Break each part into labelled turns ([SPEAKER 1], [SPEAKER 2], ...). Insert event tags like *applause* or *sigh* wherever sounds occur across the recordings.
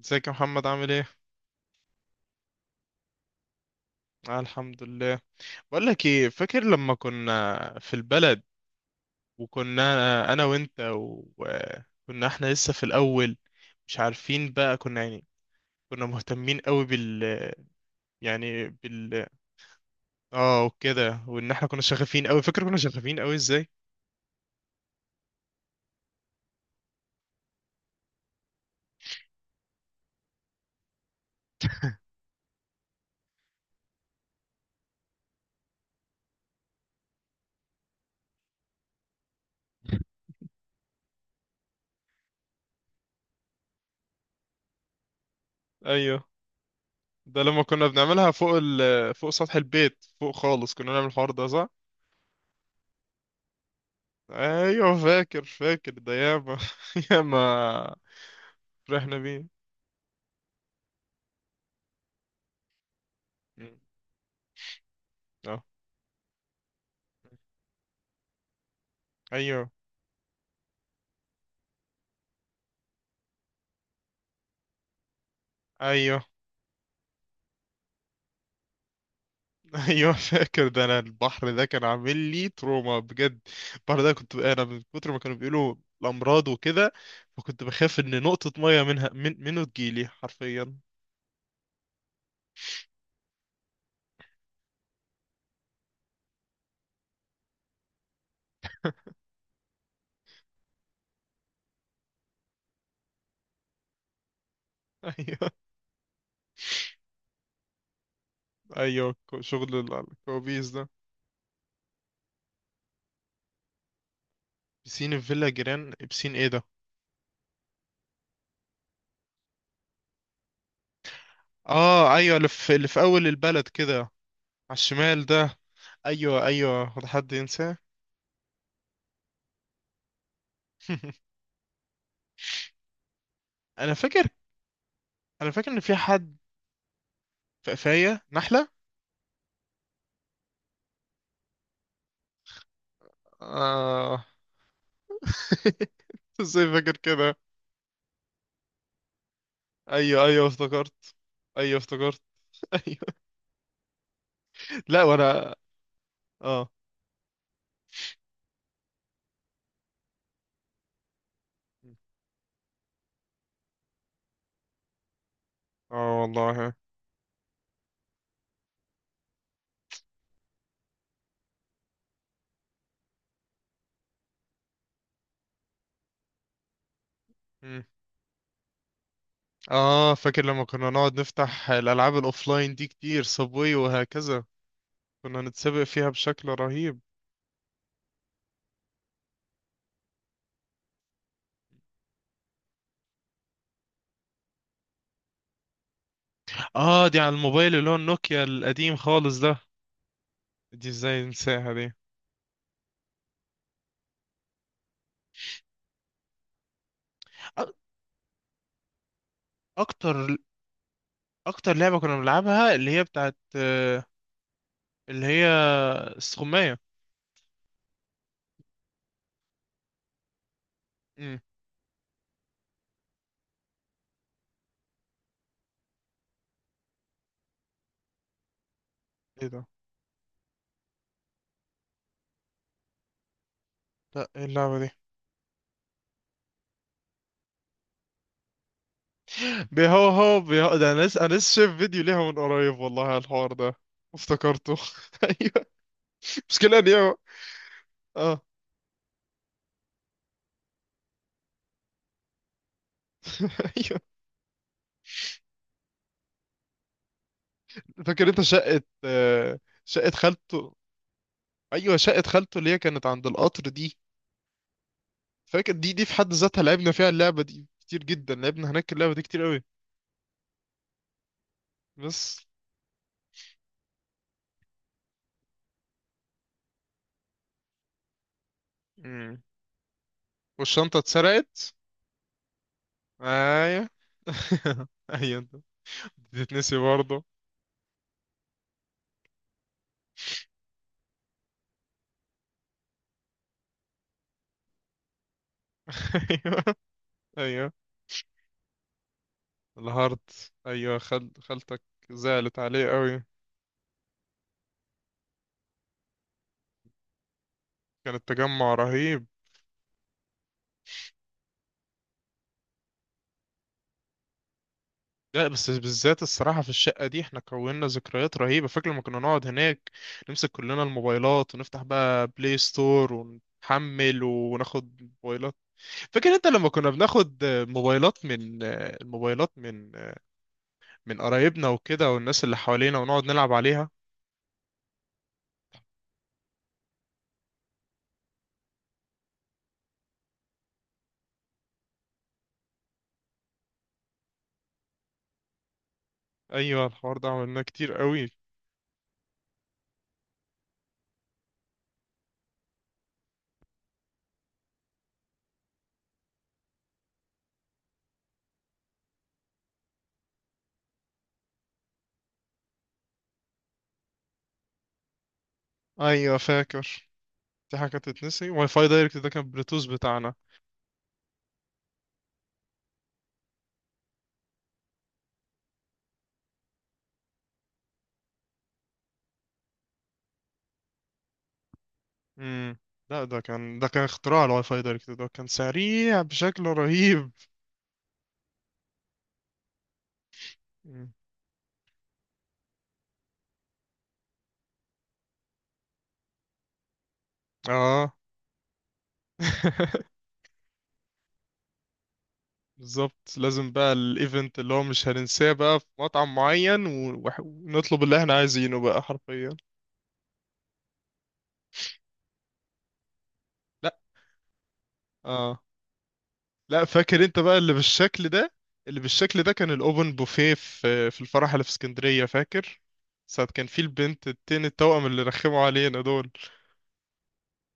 [SPEAKER 1] ازيك يا محمد؟ عامل ايه؟ آه، الحمد لله. بقول لك ايه، فاكر لما كنا في البلد وكنا انا وانت، وكنا احنا لسه في الاول، مش عارفين بقى، كنا يعني كنا مهتمين قوي بال... يعني بال... اه وكده، وان احنا كنا شغافين قوي. فاكر كنا شغافين قوي ازاي؟ ايوه ده لما كنا بنعملها فوق ال... فوق سطح البيت فوق خالص كنا نعمل الحوار ده صح؟ ايوه، فاكر فاكر ده ياما. *laughs* ياما فرحنا بيه. مم. اه، ايوه، ايوه. *laughs* ايوه فاكر ده، انا البحر ده كان عامل لي تروما بجد. البحر ده، كنت انا من كتر ما كانوا بيقولوا الامراض وكده، فكنت بخاف ان نقطة مية منه تجيلي حرفيا. *laughs* ايوه، ايوه، شغل الكوابيس ده. بسين الفيلا جيران، بسين ايه ده؟ اه، ايوه، اللي في اول البلد كده، على الشمال ده. ايوه، ايوه، هو ده حد ينساه؟ *laughs* انا فاكر انا فاكر ان في حد في قفاية نحلة. آه. *laughs* ازاي فاكر كده؟ ايوه، ايوه، افتكرت. ايوه، افتكرت. *laughs* ايوه. لا وانا. اه، اه، والله. مم. اه، فاكر لما كنا نقعد نفتح الالعاب الاوفلاين دي كتير، صابوي وهكذا. كنا نتسابق فيها بشكل رهيب. اه، دي على الموبايل اللي هو النوكيا القديم خالص ده. دي ازاي ننساها دي؟ أك- اكتر اكتر لعبة كنا بنلعبها اللي هي بتاعت اللي هي السخمية. مم. ايه ده؟ لا، ايه اللعبة دي؟ بيهوهو، بيهو ده انا لسه شايف فيديو ليها من قريب والله، على الحوار ده افتكرته. *laughs* ايوه. مشكلة ان هي. اه. *laughs* ايوه، فاكر انت شقة، شقة خالته. ايوه، شقة خالته اللي هي كانت عند القطر دي. فاكر دي في حد ذاتها، لعبنا فيها اللعبة دي كتير جدا، لعبنا هناك اللعبة دي كتير قوي. بس. مم. والشنطة اتسرقت. ايوه. *laughs* ايوه، انت بتتنسي برضه. *laughs* ايوه، ايوه، الهارت، ايوه خالتك زعلت عليه قوي. كان التجمع رهيب. لا، بس بالذات الصراحة في الشقة دي، احنا كوننا ذكريات رهيبة. فاكر لما كنا نقعد هناك، نمسك كلنا الموبايلات ونفتح بقى بلاي ستور، ونحمل وناخد موبايلات. فاكر انت لما كنا بناخد موبايلات، من الموبايلات، من قرايبنا وكده، والناس اللي حوالينا، ونقعد نلعب عليها. ايوه، الحوار ده عملناه كتير قوي. ايوه فاكر. دي حاجة تتنسي، واي فاي دايركت ده كان بلوتوث بتاعنا. امم. لا، ده كان اختراع، الواي فاي دايركت ده كان سريع بشكل رهيب. مم. اه. *laughs* بالظبط، لازم بقى الايفنت اللي هو مش هننساه بقى، في مطعم معين ونطلب اللي احنا عايزينه بقى حرفيا. لا. اه. لا، فاكر انت بقى اللي بالشكل ده، اللي بالشكل ده كان الاوبن بوفيه في الفرح اللي في اسكندرية، فاكر ساعة كان في البنت التاني التوأم اللي رخموا علينا دول.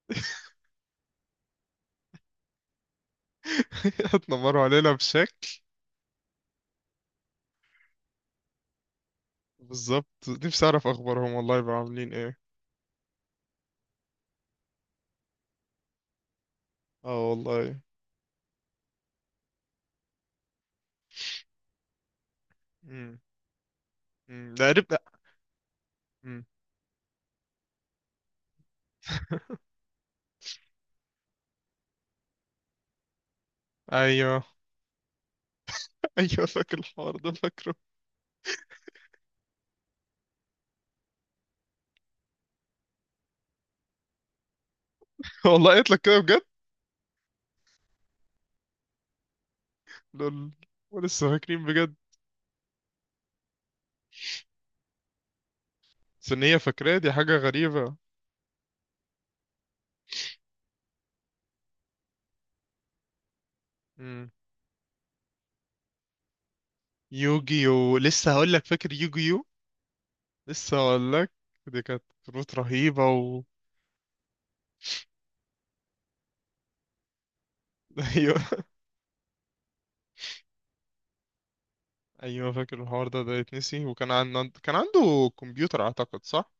[SPEAKER 1] *laughs* اتنمروا علينا بشكل. بالظبط، نفسي اعرف اخبارهم والله، يبقوا عاملين ايه. اه والله. امم ده قريب. لا. امم. ايوه. *laughs* ايوه، فاكر الحوار ده، فاكره. *laughs* والله قلت لك كده بجد. لول. ولسه فاكرين بجد. بس ان هي فاكراه، دي حاجه غريبه. امم يوجيو، لسه هقول لك. فاكر يوجيو؟ لسه هقول لك. دي كانت كروت رهيبه و... *laughs* ايوه. ايوه، فاكر الحوار ده، ده يتنسي. وكان عنده، كان عنده كمبيوتر اعتقد، صح؟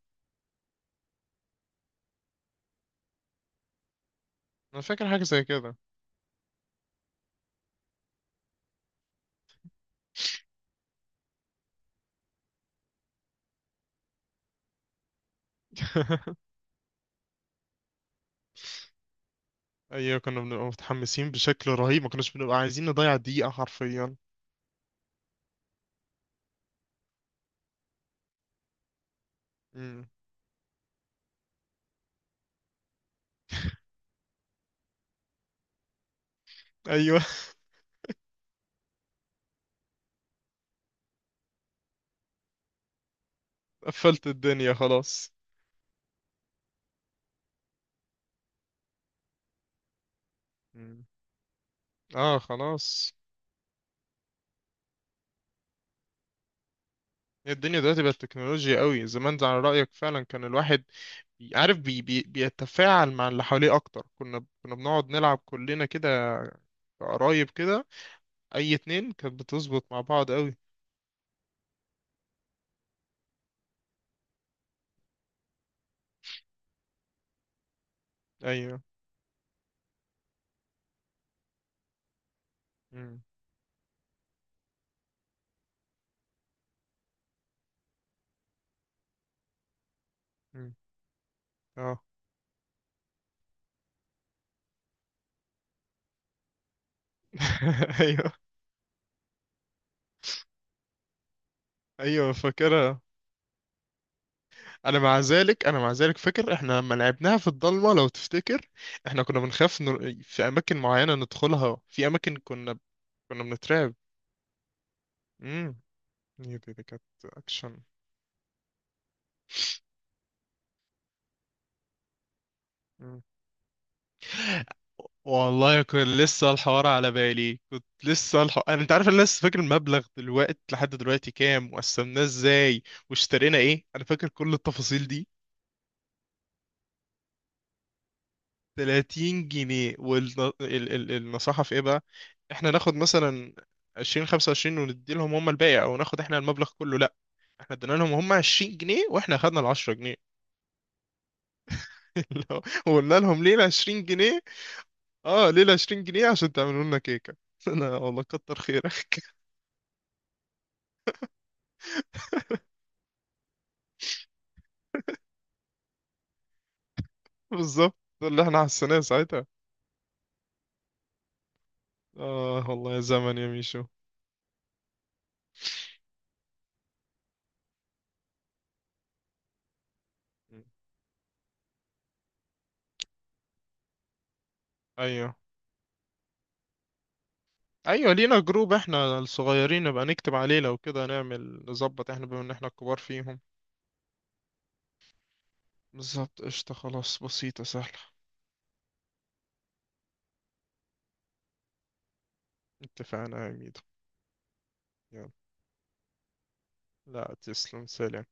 [SPEAKER 1] انا فاكر حاجه زي كده. *laughs* ايوه، كنا بنبقى متحمسين بشكل رهيب، ما كناش بنبقى عايزين نضيع دقيقة حرفيا. امم. ايوه. *laughs* قفلت الدنيا خلاص. امم. اه، خلاص. هي الدنيا دلوقتي بقت تكنولوجيا قوي. زمان، ده على رأيك فعلا، كان الواحد عارف، بي بي بيتفاعل مع اللي حواليه اكتر. كنا بنقعد نلعب كلنا كده، قرايب كده، اي اتنين كانت بتظبط مع بعض قوي. ايوه. امم. امم. اه. *laughs* ايوه، ايوه، فاكرها. انا مع ذلك فاكر، احنا لما لعبناها في الضلمه، لو تفتكر، احنا كنا بنخاف في اماكن معينه ندخلها، في اماكن كنا كنا بنترعب. امم. هي دي كانت اكشن. مم. والله، كنت لسه الحوار على بالي، كنت لسه الحوار، انا انت عارف انا لسه فاكر المبلغ دلوقتي لحد دلوقتي كام، وقسمناه ازاي، واشترينا ايه. انا فاكر كل التفاصيل دي. 30 جنيه، والنصيحة في ايه بقى؟ احنا ناخد مثلا 20، 25، وندي لهم هم الباقي، او ناخد احنا المبلغ كله؟ لا، احنا ادينا لهم هم 20 جنيه، واحنا خدنا ال 10 جنيه. *laughs* اللي هو، وقلنا لهم ليه ال 20 جنيه؟ اه، ليه ال 20 جنيه؟ عشان تعملوا لنا كيكة. *laughs* انا والله كتر خيرك. *laughs* بالظبط، ده اللي احنا حسيناه ساعتها. اه والله، يا زمن يا ميشو. ايوه. ايوه، لينا جروب احنا الصغيرين، نبقى نكتب عليه لو كده، نعمل نظبط احنا بما ان احنا الكبار فيهم. بالظبط، قشطة، خلاص، بسيطة سهلة. اتفقنا يا ميدو. يلا. لا، تسلم، سلام.